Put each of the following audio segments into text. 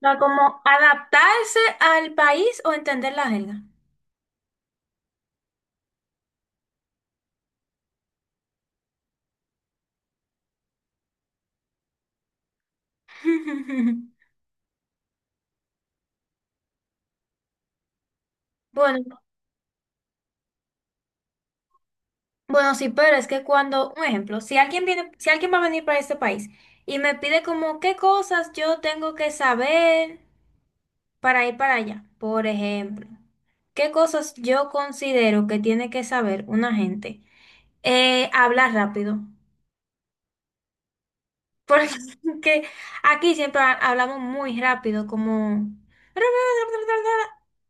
Sea, como adaptarse al país o entender la jerga. Bueno, bueno, sí, pero es que cuando, un ejemplo, si alguien viene, si alguien va a venir para este país y me pide como qué cosas yo tengo que saber para ir para allá, por ejemplo, qué cosas yo considero que tiene que saber una gente. Hablar rápido. Porque aquí siempre hablamos muy rápido, como...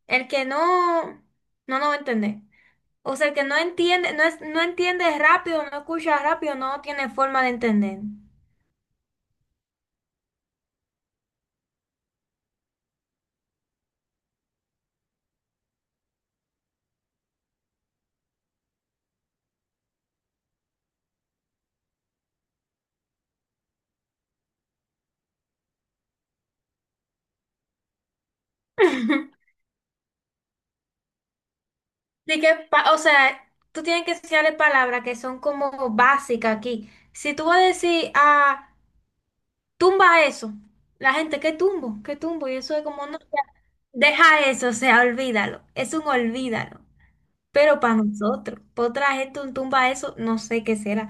El que no, no nos va a entender. O sea, el que no entiende, no es, no entiende rápido, no escucha rápido, no tiene forma de entender. Así que, o sea, tú tienes que enseñarle palabras que son como básicas aquí. Si tú vas a decir, ah, tumba eso, la gente, ¿qué tumbo? ¿Qué tumbo? Y eso es como, no, ya, deja eso, o sea, olvídalo. Es un olvídalo. Pero para nosotros, para otra gente un tumba eso, no sé qué será.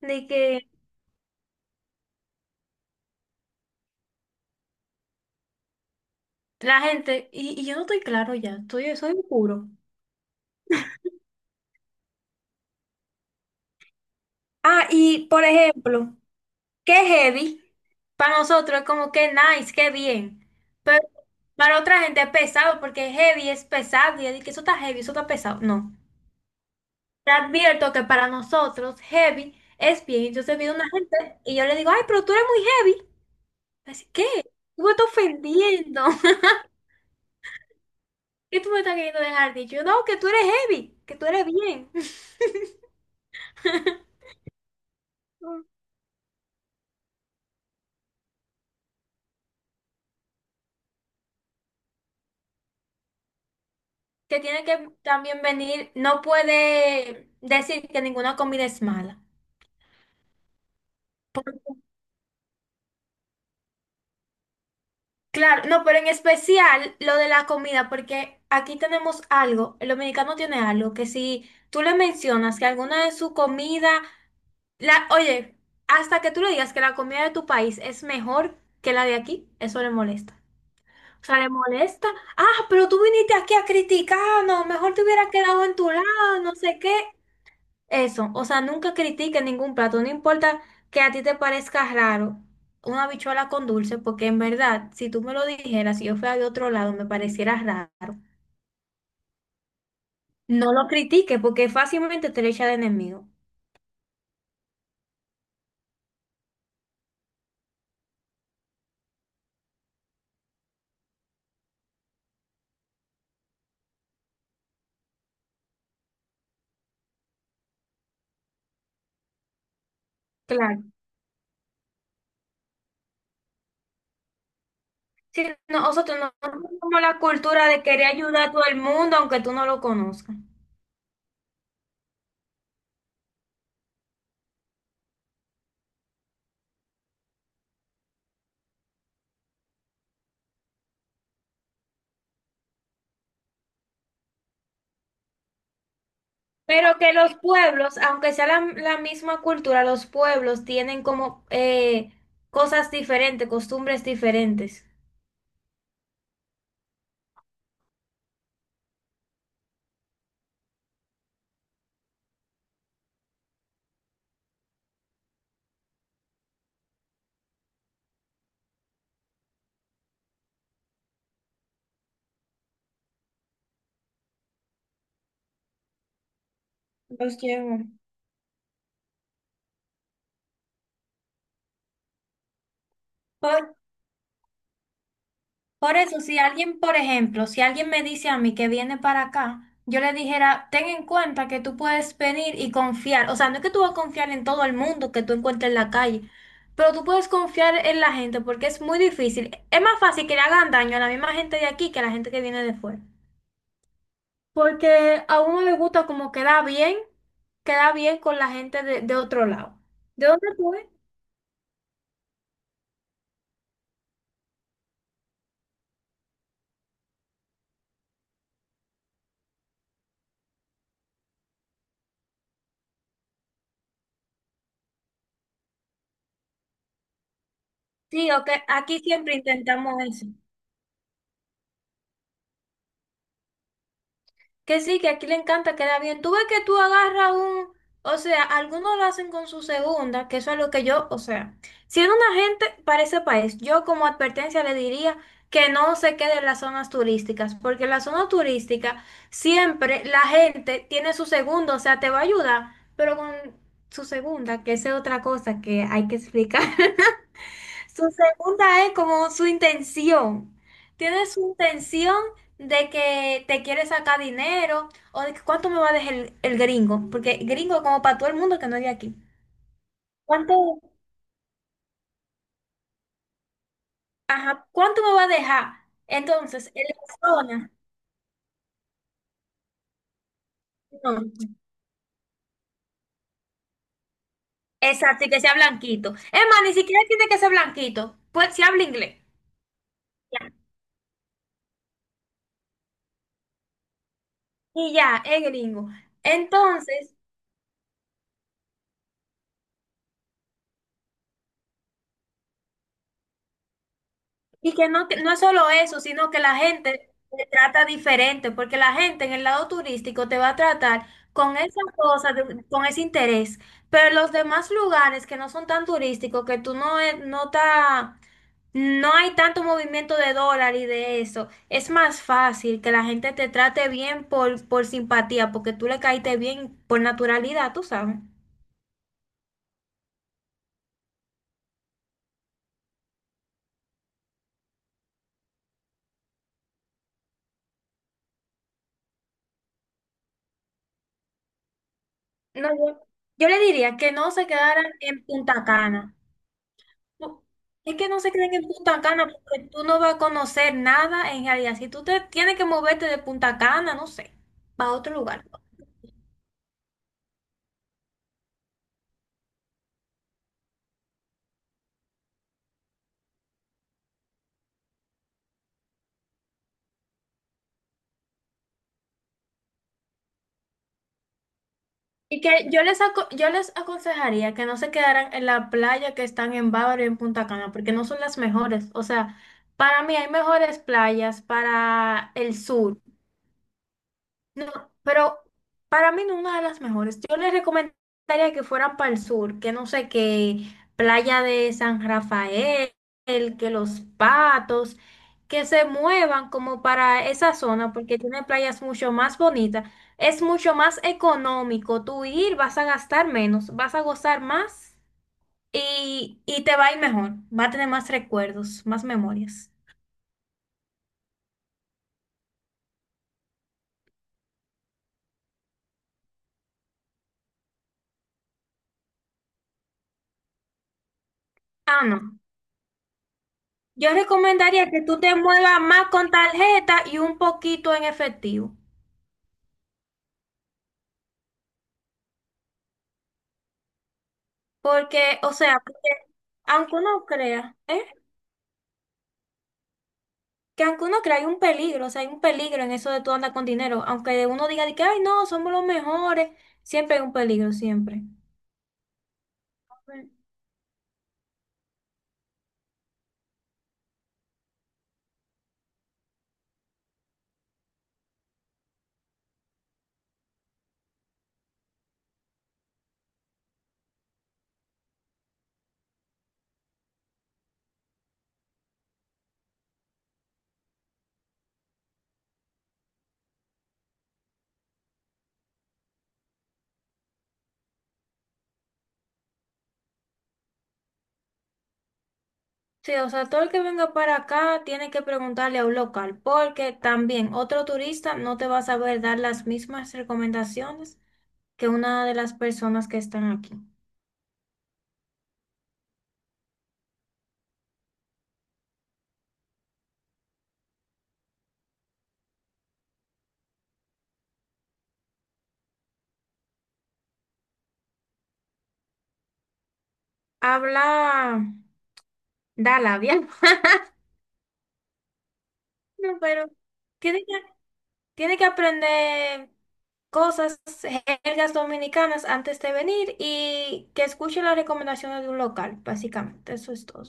De que la gente, y yo no estoy claro ya, estoy, soy oscuro. Ah, y por ejemplo, qué heavy, para nosotros es como que nice, qué bien. Pero para otra gente es pesado, porque heavy es pesado, y es de que eso está heavy, eso está pesado. No. Te advierto que para nosotros heavy es bien. Entonces viene una gente y yo le digo, ay, pero tú eres muy heavy. Así, ¿qué? Tú me estás ofendiendo. ¿Qué tú me estás queriendo dejar dicho? No, que tú eres heavy, que tú eres bien. Que tiene que también venir, no puede decir que ninguna comida es mala. Claro, no, pero en especial lo de la comida, porque aquí tenemos algo, el dominicano tiene algo, que si tú le mencionas que alguna de su comida, la, oye, hasta que tú le digas que la comida de tu país es mejor que la de aquí, eso le molesta. O sea, le molesta. Ah, pero tú viniste aquí a criticarnos, mejor te hubieras quedado en tu lado, no sé qué. Eso, o sea, nunca critiques ningún plato, no importa que a ti te parezca raro una habichuela con dulce, porque en verdad, si tú me lo dijeras, si yo fuera de otro lado, me pareciera raro. No lo critiques, porque fácilmente te lo echa de enemigo. Claro. Sí, no, nosotros no tenemos la cultura de querer ayudar a todo el mundo, aunque tú no lo conozcas. Pero que los pueblos, aunque sea la misma cultura, los pueblos tienen como cosas diferentes, costumbres diferentes. Los llevo. Por, por eso, si alguien, por ejemplo, si alguien me dice a mí que viene para acá, yo le dijera, ten en cuenta que tú puedes venir y confiar. O sea, no es que tú vas a confiar en todo el mundo que tú encuentres en la calle, pero tú puedes confiar en la gente porque es muy difícil. Es más fácil que le hagan daño a la misma gente de aquí que a la gente que viene de fuera. Porque a uno le gusta como queda bien con la gente de otro lado. ¿De dónde tú eres? Sí, ok, aquí siempre intentamos eso. Que sí, que aquí le encanta quedar bien. Tú ves que tú agarras un, o sea, algunos lo hacen con su segunda, que eso es lo que yo, o sea, siendo una gente para ese país, yo como advertencia le diría que no se quede en las zonas turísticas, porque en la zona turística siempre la gente tiene su segunda, o sea, te va a ayudar, pero con su segunda, que esa es otra cosa que hay que explicar. Su segunda es como su intención. Tiene su intención de que te quiere sacar dinero o de que cuánto me va a dejar el gringo, porque gringo es como para todo el mundo que no es de aquí. ¿Cuánto, ajá, cuánto me va a dejar? Entonces, en la zona, no. Exacto, y que sea blanquito. Es más, ni siquiera tiene que ser blanquito, pues si habla inglés. Ya. Y ya, es gringo. Entonces, y que no, no es solo eso, sino que la gente te trata diferente, porque la gente en el lado turístico te va a tratar con esa cosa, con ese interés. Pero los demás lugares que no son tan turísticos, que tú no, no, no hay tanto movimiento de dólar y de eso, es más fácil que la gente te trate bien por simpatía, porque tú le caíste bien por naturalidad, tú sabes. No, yo le diría que no se quedaran en Punta Cana. No, es que no se queden en Punta Cana porque tú no vas a conocer nada en realidad. Si tú te tienes que moverte de Punta Cana, no sé, para otro lugar. Y que yo les, yo les aconsejaría que no se quedaran en la playa que están en Bávaro y en Punta Cana, porque no son las mejores. O sea, para mí hay mejores playas para el sur. No, pero para mí no es una de las mejores. Yo les recomendaría que fueran para el sur, que no sé, que Playa de San Rafael, que Los Patos, que se muevan como para esa zona, porque tiene playas mucho más bonitas. Es mucho más económico. Tú ir, vas a gastar menos, vas a gozar más y te va a ir mejor. Va a tener más recuerdos, más memorias. Ah, no. Yo recomendaría que tú te muevas más con tarjeta y un poquito en efectivo. Porque, o sea, porque aunque uno crea, ¿eh? Que aunque uno crea, hay un peligro, o sea, hay un peligro en eso de tú andar con dinero. Aunque uno diga de que, ay, no, somos los mejores, siempre hay un peligro, siempre. Sí, o sea, todo el que venga para acá tiene que preguntarle a un local, porque también otro turista no te va a saber dar las mismas recomendaciones que una de las personas que están aquí. Habla. Da labia. No, pero tiene que, tiene que aprender cosas, jergas dominicanas antes de venir y que escuche las recomendaciones de un local, básicamente. Eso es todo.